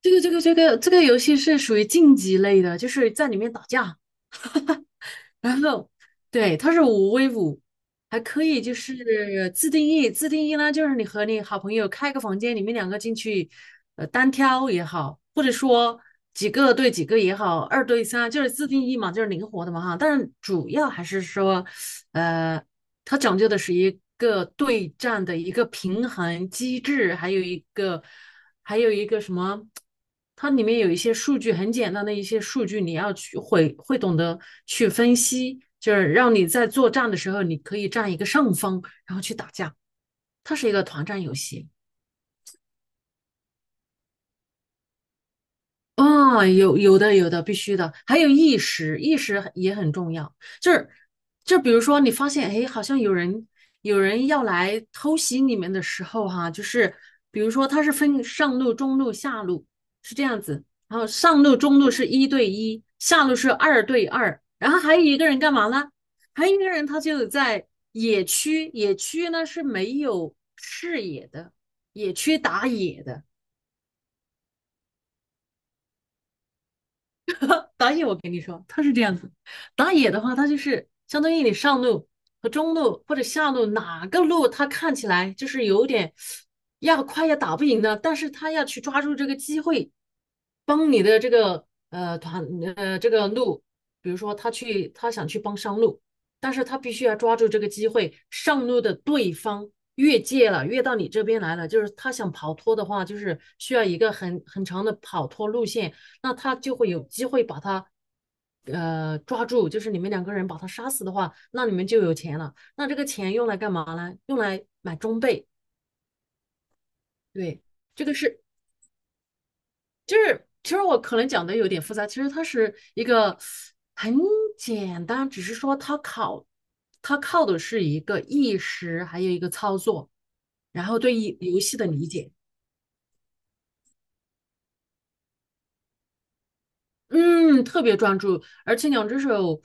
这个游戏是属于竞技类的，就是在里面打架，然后对，它是五 v 五，还可以就是自定义。自定义呢就是你和你好朋友开个房间，你们两个进去，单挑也好，或者说几个对几个也好，二对三就是自定义嘛，就是灵活的嘛哈。但是主要还是说，呃，它讲究的是一个对战的一个平衡机制，还有一个。还有一个什么，它里面有一些数据，很简单的一些数据，你要去会懂得去分析，就是让你在作战的时候，你可以占一个上风，然后去打架。它是一个团战游戏。啊，有有的，必须的，还有意识，意识也很重要。就是就比如说，你发现哎，好像有人要来偷袭你们的时候哈、就是比如说他是分上路、中路、下路是这样子。然后上路、中路是一对一，下路是二对二，然后还有一个人干嘛呢？还有一个人他就在野区，野区呢是没有视野的，野区打野的。打野我跟你说，他是这样子。打野的话，他就是相当于你上路和中路或者下路哪个路，他看起来就是有点要快要打不赢的，但是他要去抓住这个机会，帮你的这个团这个路。比如说他想去帮上路，但是他必须要抓住这个机会，上路的对方越界了，越到你这边来了，就是他想跑脱的话，就是需要一个很长的跑脱路线。那他就会有机会把他抓住，就是你们两个人把他杀死的话，那你们就有钱了。那这个钱用来干嘛呢？用来买装备。对，这个是就是其实我可能讲的有点复杂，其实它是一个很简单，只是说它靠的是一个意识，还有一个操作，然后对于游戏的理解。嗯，特别专注，而且两只手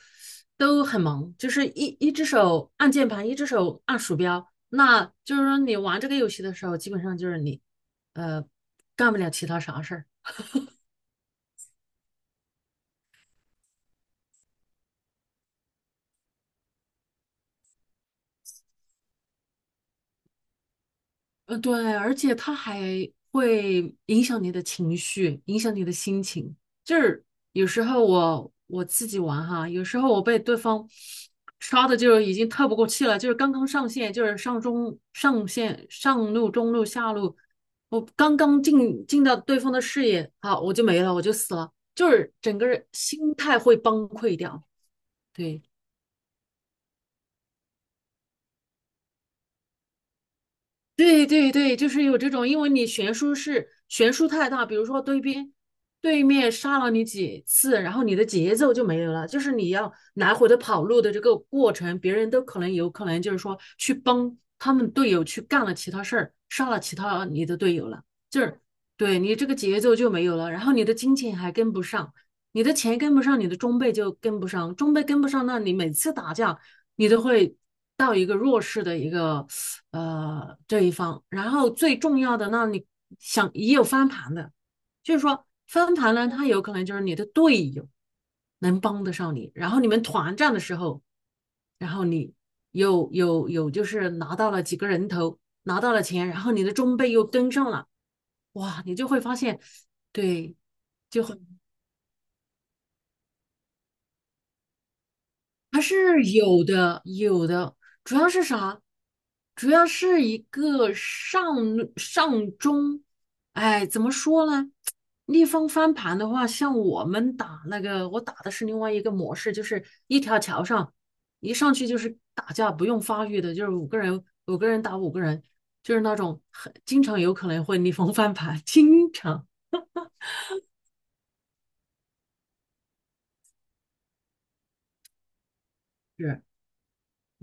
都很忙，就是一只手按键盘，一只手按鼠标。那就是说，你玩这个游戏的时候，基本上就是你呃干不了其他啥事儿。呃，对，而且他还会影响你的情绪，影响你的心情。就是有时候我自己玩哈，有时候我被对方刷的就已经透不过气了，就是刚刚上线，就是上路、中路、下路，我刚刚进到对方的视野，好，我就没了，我就死了，就是整个人心态会崩溃掉。对。对对对，就是有这种，因为你悬殊是悬殊太大，比如说对面杀了你几次，然后你的节奏就没有了，就是你要来回的跑路的这个过程，别人都有可能就是说去帮他们队友去干了其他事儿，杀了其他你的队友了，就是对你这个节奏就没有了，然后你的金钱还跟不上。你的钱跟不上，你的装备就跟不上，装备跟不上，那你每次打架，你都会到一个弱势的一个这一方。然后最重要的，那你想也有翻盘的。就是说翻盘呢，他有可能就是你的队友能帮得上你，然后你们团战的时候，然后你有有有就是拿到了几个人头，拿到了钱，然后你的装备又跟上了，哇，你就会发现，对，就很。还是有的，有的。主要是啥？主要是一个上上中，哎，怎么说呢？逆风翻盘的话，像我们打那个，我打的是另外一个模式，就是一条桥上，一上去就是打架，不用发育的，就是五个人，五个人打五个人，就是那种很经常有可能会逆风翻盘，经常是，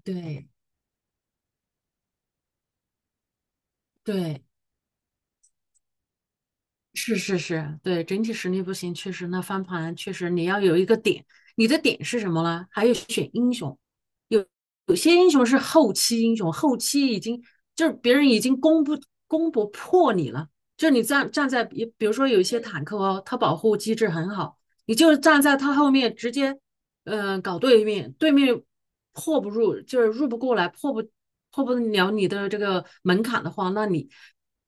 对对。是是是，对，整体实力不行，确实那翻盘确实你要有一个点。你的点是什么呢？还有选英雄，有有些英雄是后期英雄，后期已经就是别人已经攻不破你了，就是你站在比如说有一些坦克哦，它保护机制很好，你就站在它后面直接搞对面，对面破不入，就是入不过来，破不了你的这个门槛的话，那你。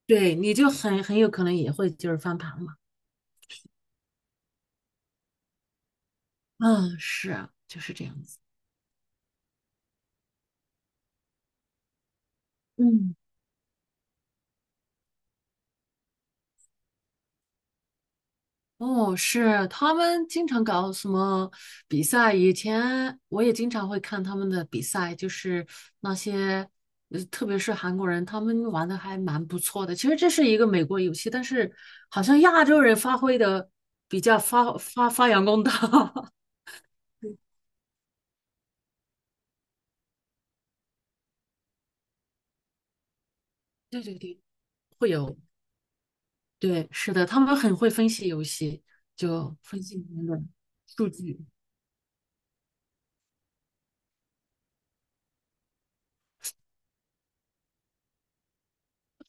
对，你就很有可能也会就是翻盘嘛。嗯，是啊，就是这样子。嗯。哦，是，他们经常搞什么比赛，以前我也经常会看他们的比赛，就是那些，呃特别是韩国人，他们玩的还蛮不错的。其实这是一个美国游戏，但是好像亚洲人发挥的比较发扬光大。对对对，有，对，是的，他们很会分析游戏，就分析里面的数据。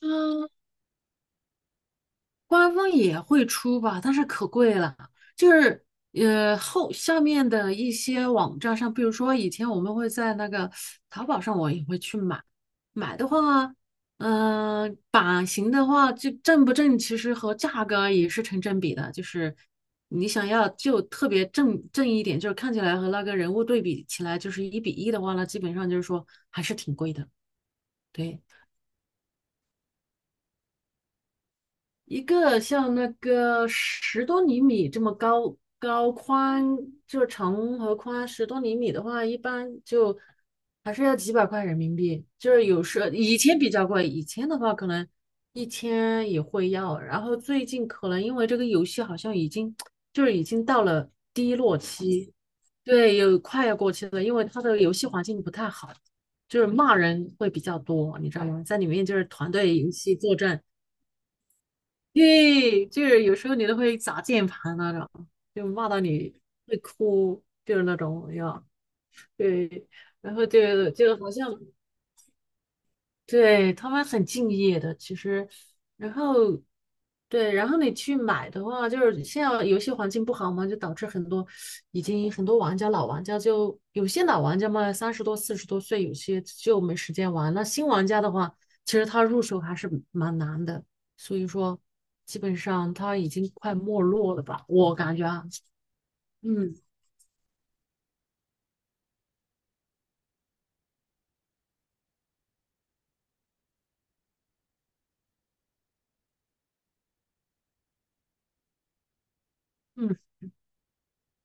啊，官方也会出吧，但是可贵了。就是后下面的一些网站上，比如说以前我们会在那个淘宝上，我也会去买。买的话，嗯、版型的话，就正不正，其实和价格也是成正比的。就是你想要就特别正一点，就是看起来和那个人物对比起来就是一比一的话呢，基本上就是说还是挺贵的。对。一个像那个十多厘米这么高宽，就长和宽十多厘米的话，一般就还是要几百块人民币。就是有时以前比较贵，以前的话可能一千也会要。然后最近可能因为这个游戏好像已经就是已经到了低落期，对，有快要过期了，因为它的游戏环境不太好，就是骂人会比较多，你知道吗？在里面就是团队游戏作战。对，就是有时候你都会砸键盘那种，就骂到你会哭，就是那种呀。对，然后就好像，对，他们很敬业的，其实，然后，对，然后你去买的话，就是现在游戏环境不好嘛，就导致很多已经很多玩家老玩家就有些老玩家嘛，三十多四十多岁，有些就没时间玩。那新玩家的话，其实他入手还是蛮难的，所以说基本上他已经快没落了吧，我感觉啊，嗯嗯。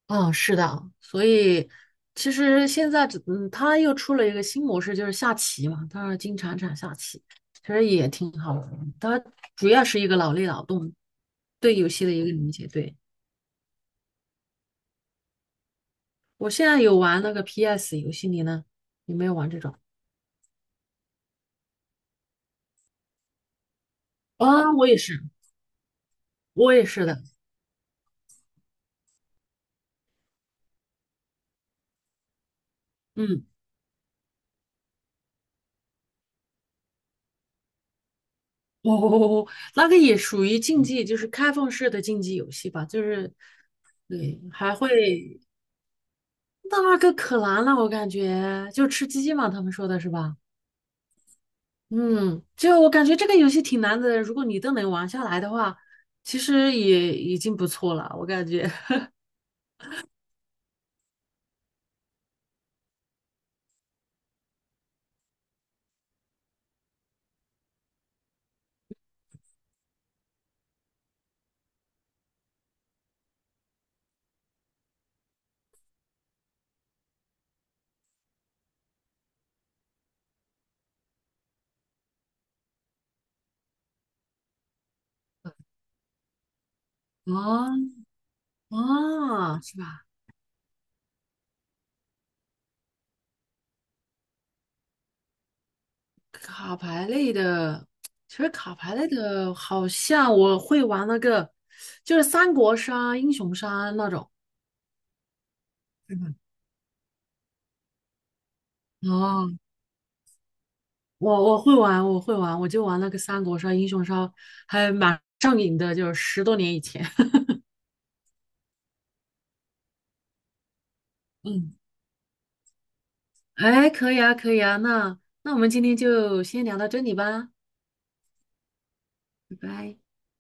嗯，是的，所以其实现在只，嗯，他又出了一个新模式，就是下棋嘛，他是金铲铲下棋，其实也挺好玩的。它主要是一个脑力劳动，对游戏的一个理解。对，我现在有玩那个 PS 游戏，你呢？有没有玩这种？啊，我也是，我也是的。嗯。哦，那个也属于竞技，就是开放式的竞技游戏吧，就是对，还会那个可难了，我感觉就吃鸡嘛，他们说的是吧？嗯，就我感觉这个游戏挺难的，如果你都能玩下来的话，其实也已经不错了，我感觉。哦哦，是吧？卡牌类的，其实卡牌类的，好像我会玩那个，就是三国杀、英雄杀那种。哦，我会玩，我会玩，我就玩那个三国杀、英雄杀，还蛮上瘾的，就是十多年以前。嗯，哎，可以啊，可以啊，那我们今天就先聊到这里吧，拜拜。